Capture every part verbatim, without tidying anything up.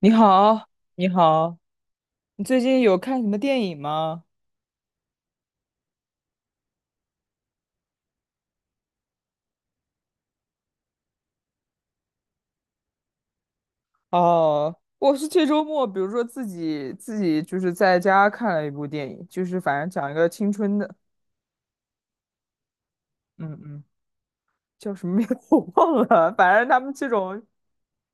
你好，你好，你最近有看什么电影吗？哦，我是这周末，比如说自己自己就是在家看了一部电影，就是反正讲一个青春的，嗯嗯，叫什么名字 我忘了，反正他们这种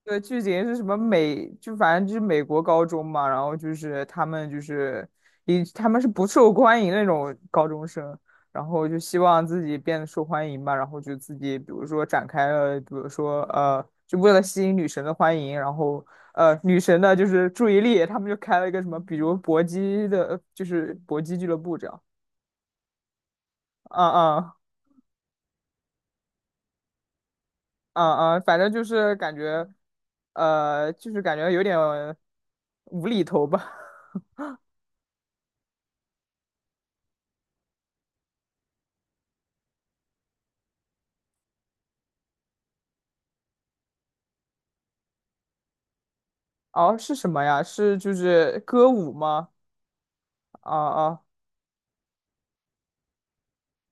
对，剧情是什么美，就反正就是美国高中嘛，然后就是他们就是以他们是不受欢迎那种高中生，然后就希望自己变得受欢迎吧，然后就自己比如说展开了，比如说呃，就为了吸引女神的欢迎，然后呃女神的就是注意力，他们就开了一个什么，比如搏击的，就是搏击俱乐部这样，啊啊啊啊，反正就是感觉，呃，就是感觉有点无厘头吧。哦，是什么呀？是就是歌舞吗？啊啊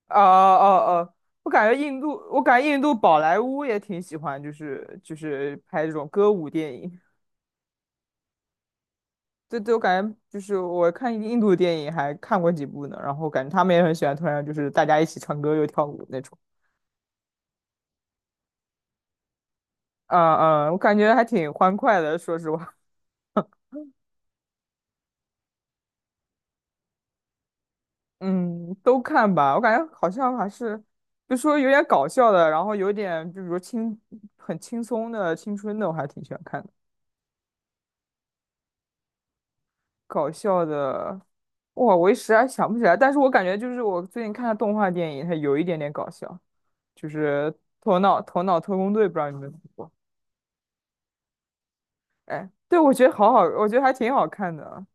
啊啊啊！我感觉印度，我感觉印度宝莱坞也挺喜欢，就是就是拍这种歌舞电影。对对，我感觉就是我看印度电影还看过几部呢，然后感觉他们也很喜欢，突然就是大家一起唱歌又跳舞那种。嗯嗯，我感觉还挺欢快的，说实话。嗯，都看吧，我感觉好像还是，就说有点搞笑的，然后有点就比如轻，很轻松的青春的，我还挺喜欢看的。搞笑的，哇，我一时还想不起来，但是我感觉就是我最近看的动画电影，它有一点点搞笑，就是《头脑头脑特工队》，不知道你们听过？哎，对，我觉得好好，我觉得还挺好看的。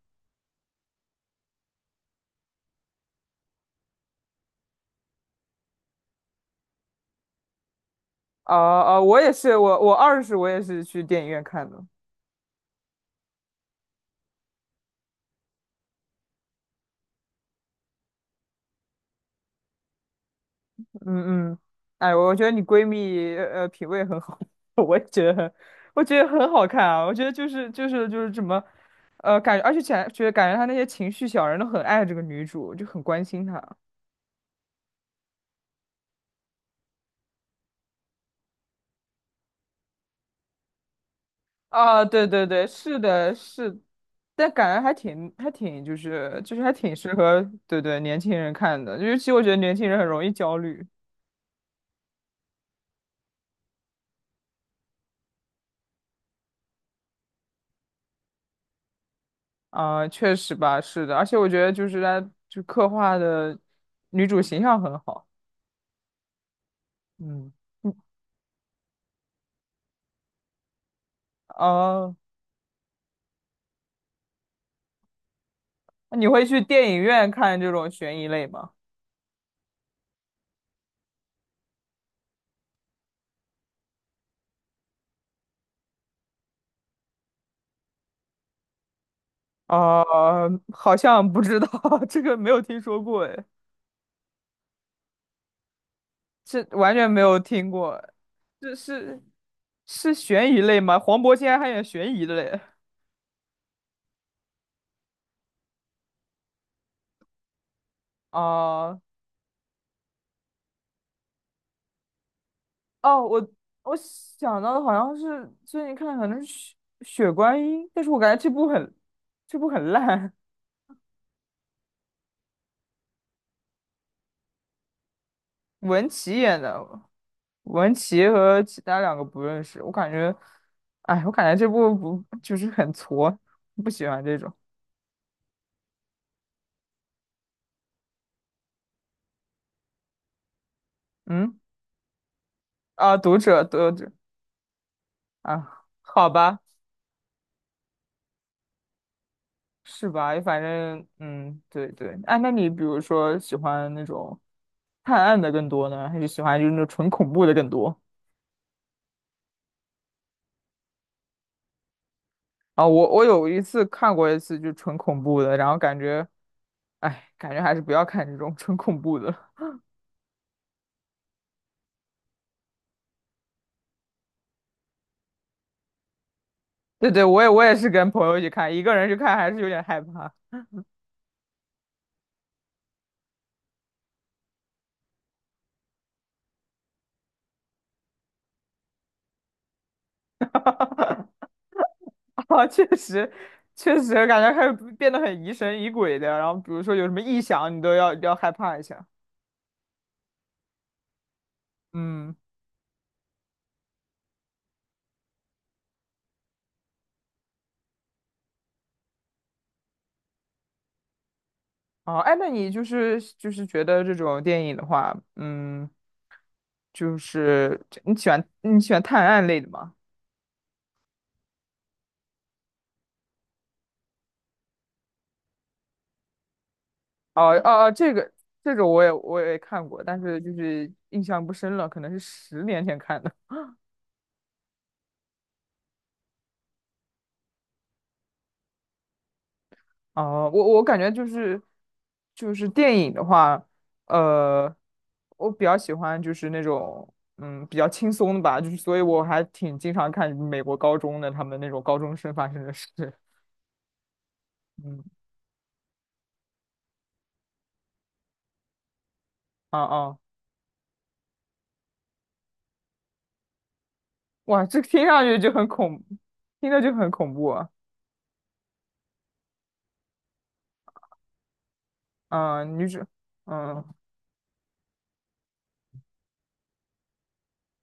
啊啊，我也是，我我二是我也是去电影院看的。嗯嗯，哎，我觉得你闺蜜呃呃品味很好，我也觉得很，我觉得很好看啊。我觉得就是就是就是什么，呃，感觉而且感觉感觉他那些情绪小人都很爱这个女主，就很关心她。啊，对对对，是的，是，但感觉还挺还挺就是就是还挺适合对对年轻人看的，尤其我觉得年轻人很容易焦虑啊，确实吧，是的，而且我觉得就是他就刻画的女主形象很好，嗯，哦，那你会去电影院看这种悬疑类吗？啊，好像不知道，这个没有听说过，哎，是完全没有听过，这是是悬疑类吗？黄渤竟然还演悬疑的嘞！哦、哦，我我想到的好像是最近看的，可能是雪《血观音》，但是我感觉这部很这部很烂，文淇演的，文淇和其他两个不认识，我感觉，哎，我感觉这部不就是很挫，不喜欢这种。嗯，啊，读者，读者啊，好吧，是吧？反正嗯，对对。哎，那你比如说喜欢那种探案的更多呢，还是喜欢就是那种纯恐怖的更多？啊，我我有一次看过一次，就纯恐怖的，然后感觉，哎，感觉还是不要看这种纯恐怖的。对对，我也我也是跟朋友一起看，一个人去看还是有点害怕。啊，确实，确实感觉还是变得很疑神疑鬼的。然后比如说有什么异响，你都要要害怕一下。嗯，哦，哎，那你就是就是觉得这种电影的话，嗯，就是你喜欢你喜欢探案类的吗？哦哦哦，这个这个我也我也看过，但是就是印象不深了，可能是十年前看的。哦，我我感觉就是就是电影的话，呃，我比较喜欢就是那种嗯比较轻松的吧，就是所以我还挺经常看美国高中的他们那种高中生发生的事。嗯啊啊，哇，这听上去就很恐，听着就很恐怖啊。嗯，你是嗯。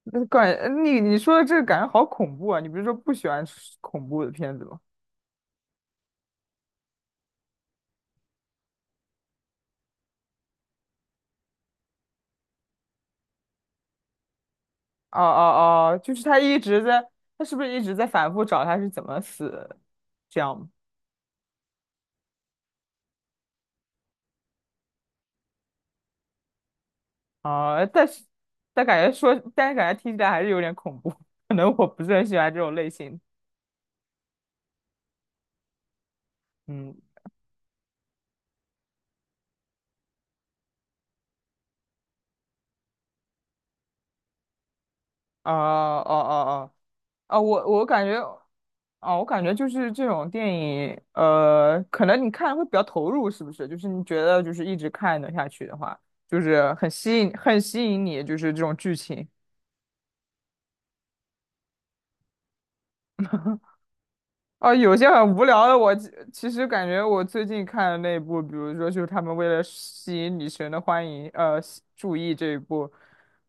那感你你说的这个感觉好恐怖啊！你不是说不喜欢吃恐怖的片子吗？哦哦哦，就是他一直在，他是不是一直在反复找他是怎么死的？这样吗啊、但是但感觉说，但是感觉听起来还是有点恐怖，可能我不是很喜欢这种类型。嗯，啊哦哦哦哦啊！我我感觉。哦，我感觉就是这种电影，呃，可能你看会比较投入，是不是？就是你觉得就是一直看的下去的话，就是很吸引，很吸引你，就是这种剧情。哦，有些很无聊的我，其其实感觉我最近看的那一部，比如说就是他们为了吸引女神的欢迎，呃，吸注意这一部，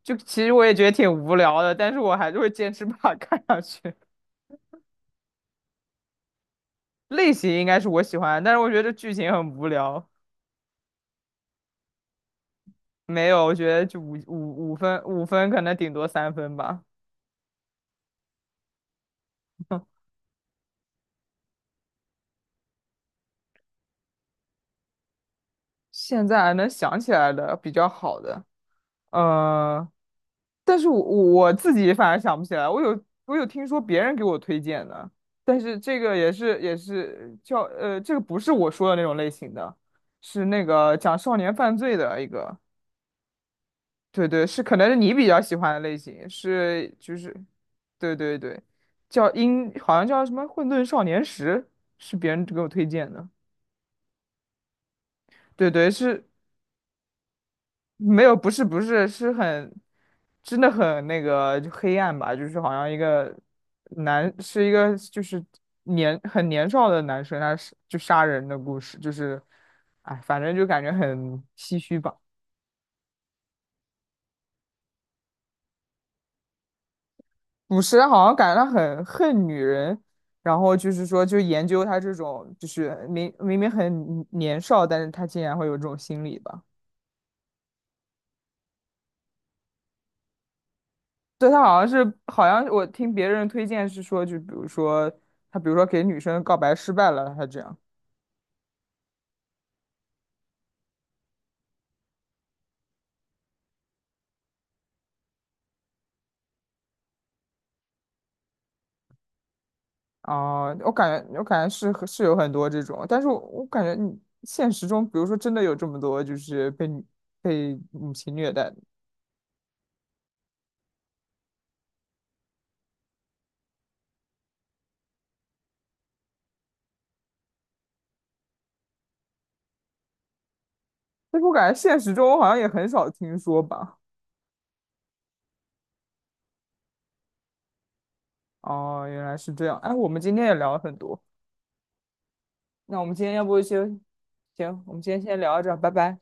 就其实我也觉得挺无聊的，但是我还是会坚持把它看下去。类型应该是我喜欢，但是我觉得剧情很无聊。没有，我觉得就五五五分，五分可能顶多三分吧。现在还能想起来的比较好的，呃，但是我我自己反而想不起来。我有我有听说别人给我推荐的，但是这个也是也是叫呃，这个不是我说的那种类型的，是那个讲少年犯罪的一个，对对，是可能是你比较喜欢的类型，是就是，对对对，叫英好像叫什么《混沌少年时》，是别人给我推荐的。对对，是没有，不是不是，是很，真的很那个就黑暗吧，就是好像一个男，是一个就是年很年少的男生，他是就杀人的故事，就是，哎，反正就感觉很唏嘘吧。捕食人好像感觉他很恨女人，然后就是说就研究他这种，就是明明明很年少，但是他竟然会有这种心理吧。对，他好像是，好像我听别人推荐是说，就比如说他，比如说给女生告白失败了，他这样。哦、我感觉我感觉是和是有很多这种，但是我我感觉你现实中，比如说真的有这么多就是被女被母亲虐待的，但是我感觉现实中好像也很少听说吧。哦，原来是这样。哎，我们今天也聊了很多，那我们今天要不就行，我们今天先聊到这儿，拜拜。